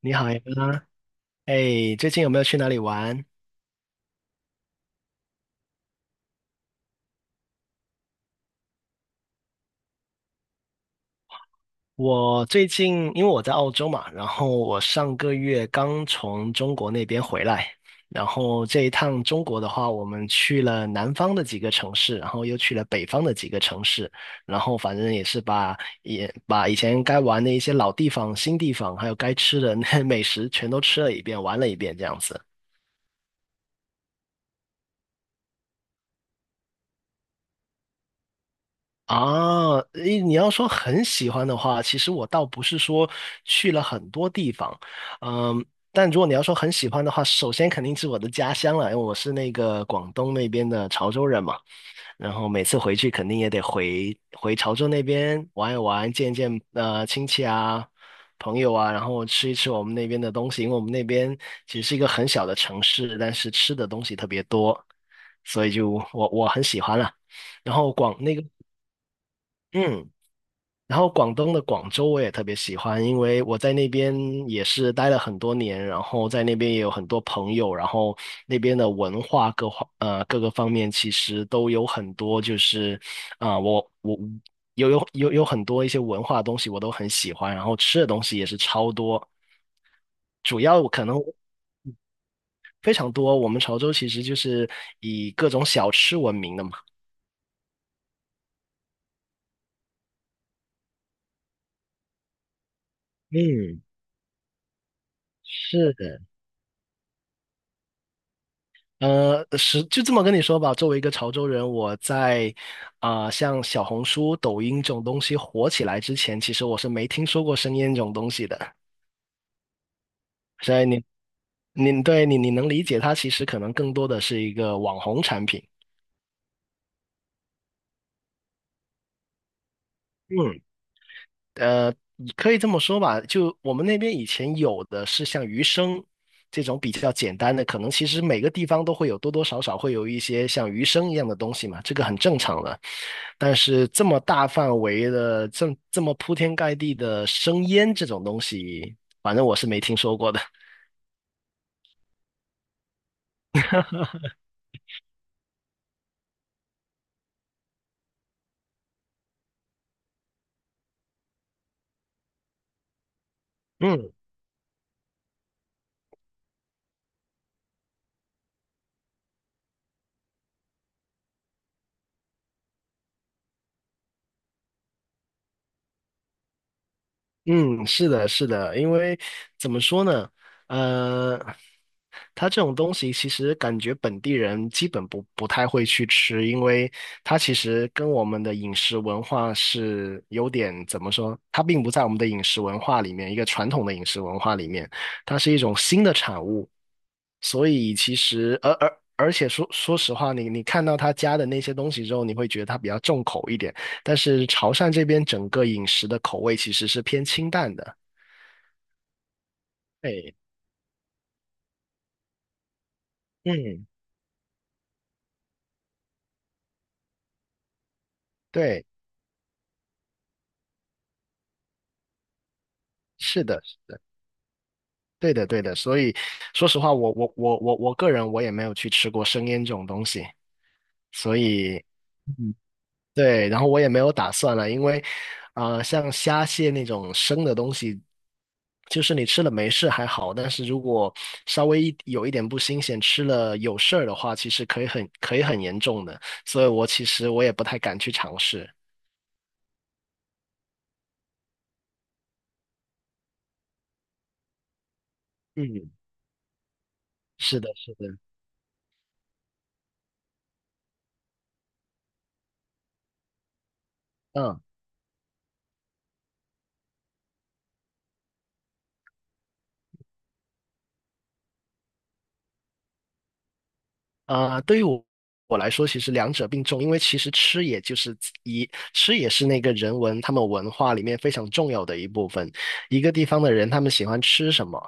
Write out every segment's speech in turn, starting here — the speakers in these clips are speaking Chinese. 你好呀，哎，最近有没有去哪里玩？我最近因为我在澳洲嘛，然后我上个月刚从中国那边回来，然后这一趟中国的话，我们去了南方的几个城市，然后又去了北方的几个城市，然后反正也是把也把以前该玩的一些老地方、新地方，还有该吃的那 美食全都吃了一遍，玩了一遍这样子。啊，诶，你要说很喜欢的话，其实我倒不是说去了很多地方，嗯，但如果你要说很喜欢的话，首先肯定是我的家乡了，因为我是那个广东那边的潮州人嘛，然后每次回去肯定也得回回潮州那边玩一玩，见一见亲戚啊、朋友啊，然后吃一吃我们那边的东西，因为我们那边其实是一个很小的城市，但是吃的东西特别多，所以就我很喜欢了。然后广那个嗯。然后广东的广州我也特别喜欢，因为我在那边也是待了很多年，然后在那边也有很多朋友，然后那边的文化各个方面其实都有很多，就是啊、我有很多一些文化的东西我都很喜欢，然后吃的东西也是超多。主要可能非常多。我们潮州其实就是以各种小吃闻名的嘛。嗯，是。的。是就这么跟你说吧。作为一个潮州人，我在啊、像小红书、抖音这种东西火起来之前，其实我是没听说过生腌这种东西的。所以你你能理解它，其实可能更多的是一个网红产品。嗯你可以这么说吧，就我们那边以前有的是像鱼生这种比较简单的，可能其实每个地方都会有多多少少会有一些像鱼生一样的东西嘛，这个很正常的。但是这么大范围的，这么铺天盖地的生腌这种东西，反正我是没听说过的。嗯。嗯，是的，是的，因为怎么说呢，呃，它这种东西其实感觉本地人基本不太会去吃，因为它其实跟我们的饮食文化是有点怎么说，它并不在我们的饮食文化里面，一个传统的饮食文化里面，它是一种新的产物，所以其实而而而且说实话，你看到他加的那些东西之后，你会觉得它比较重口一点。但是潮汕这边整个饮食的口味其实是偏清淡的。对，嗯，对，是的，是的，对的，对的。所以说实话，我个人我也没有去吃过生腌这种东西，所以嗯，对，然后我也没有打算了，因为啊、像虾蟹那种生的东西，就是你吃了没事还好，但是如果稍微一有一点不新鲜，吃了有事儿的话，其实可以很严重的。所以我其实也不太敢去尝试。嗯是的，是的，嗯啊、对于我来说，其实两者并重，因为其实吃也就是一吃也是那个他们文化里面非常重要的一部分。一个地方的人，他们喜欢吃什么，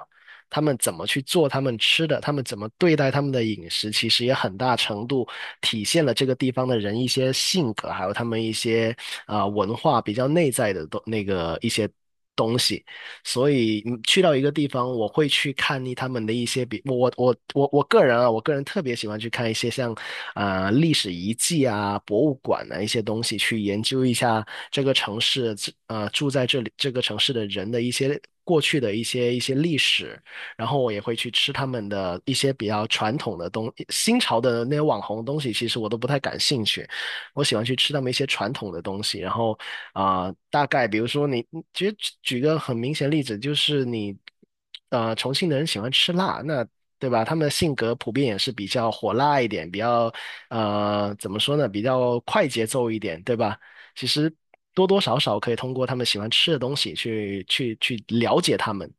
他们怎么去做他们吃的，他们怎么对待他们的饮食，其实也很大程度体现了这个地方的人一些性格，还有他们一些啊、文化比较内在的东那个一些。东西。所以嗯去到一个地方，我会去看一他们的一些比我我我我个人啊，我个人特别喜欢去看一些像啊、呃历史遗迹啊、博物馆啊一些东西，去研究一下这个城市住在这里这个城市的人的一些过去的一些历史，然后我也会去吃他们的一些比较传统的新潮的那些网红东西，其实我都不太感兴趣。我喜欢去吃他们一些传统的东西，然后啊、大概比如说你，其实举个很明显的例子，就是你重庆的人喜欢吃辣，那对吧？他们的性格普遍也是比较火辣一点，比较怎么说呢，比较快节奏一点，对吧？其实多多少少可以通过他们喜欢吃的东西去了解他们。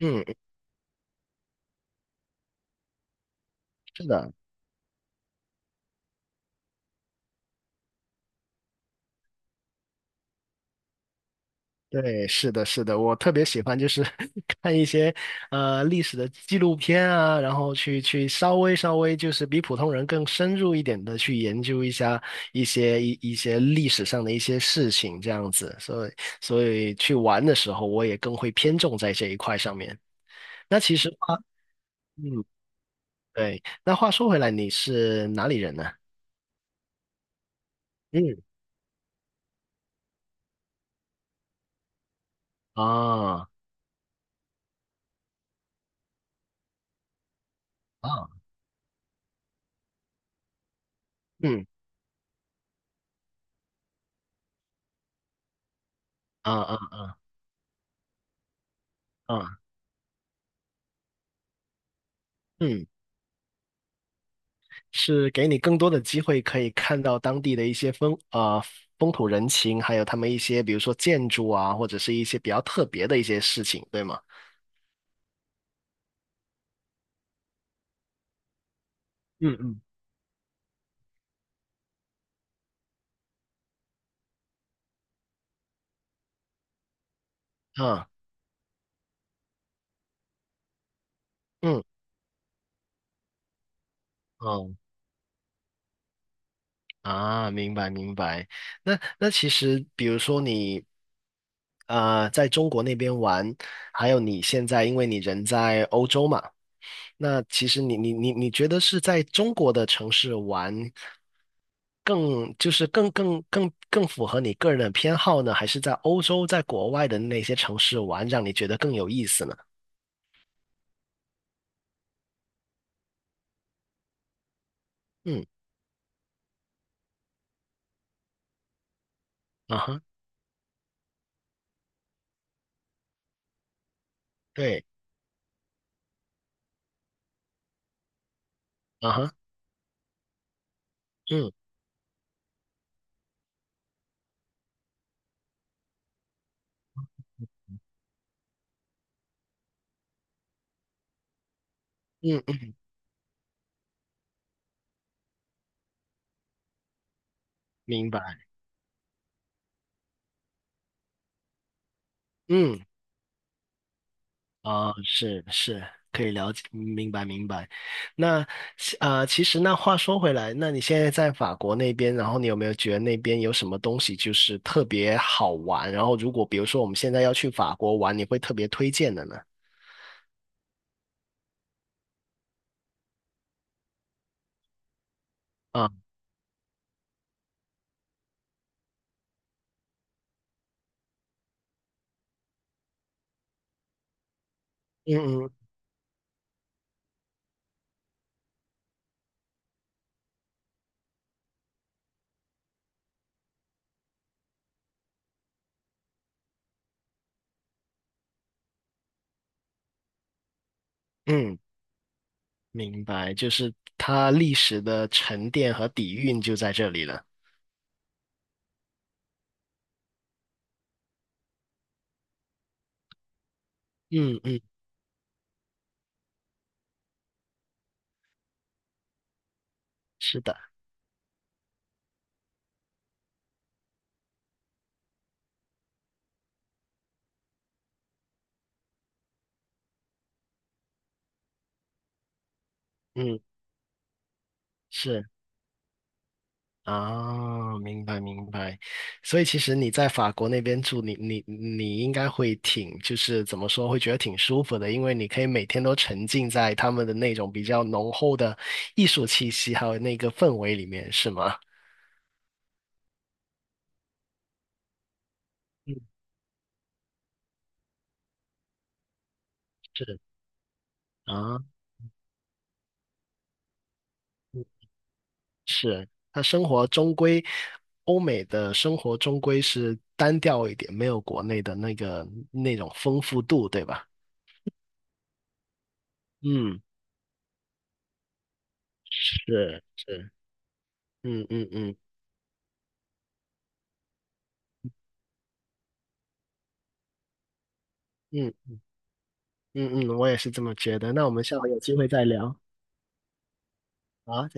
嗯，是的。对，是的，是的，我特别喜欢就是 看一些呃历史的纪录片啊，然后去稍微就是比普通人更深入一点的去研究一下一些一些历史上的一些事情这样子，所以所以去玩的时候我也更会偏重在这一块上面。那其实话，嗯，对，那话说回来，你是哪里人呢？嗯，啊啊，嗯啊啊啊，嗯。是给你更多的机会，可以看到当地的一些风啊、风土人情，还有他们一些比如说建筑啊，或者是一些比较特别的一些事情，对吗？嗯嗯。嗯嗯哦啊，明白明白。那其实比如说你啊，在中国那边玩，还有你现在因为你人在欧洲嘛。那其实你觉得是在中国的城市玩更就是更符合你个人的偏好呢，还是在欧洲在国外的那些城市玩让你觉得更有意思呢？嗯啊哈，对啊哈，嗯嗯嗯，明白，嗯。啊，是是，可以了解，明白明白。那啊，其实那话说回来，那你现在在法国那边，然后你有没有觉得那边有什么东西就是特别好玩？然后如果比如说我们现在要去法国玩，你会特别推荐的呢？啊，嗯嗯嗯，明白，就是它历史的沉淀和底蕴就在这里了。嗯嗯，是的，嗯是。啊，明白明白，所以其实你在法国那边住，你应该会挺，就是怎么说，会觉得挺舒服的，因为你可以每天都沉浸在他们的那种比较浓厚的艺术气息，还有那个氛围里面，是吗？嗯，是，啊，嗯是，他生活终归，欧美的生活终归是单调一点，没有国内的那个那种丰富度，对吧？嗯，是是，嗯嗯嗯嗯，嗯嗯，我也是这么觉得。那我们下回有机会再聊。好，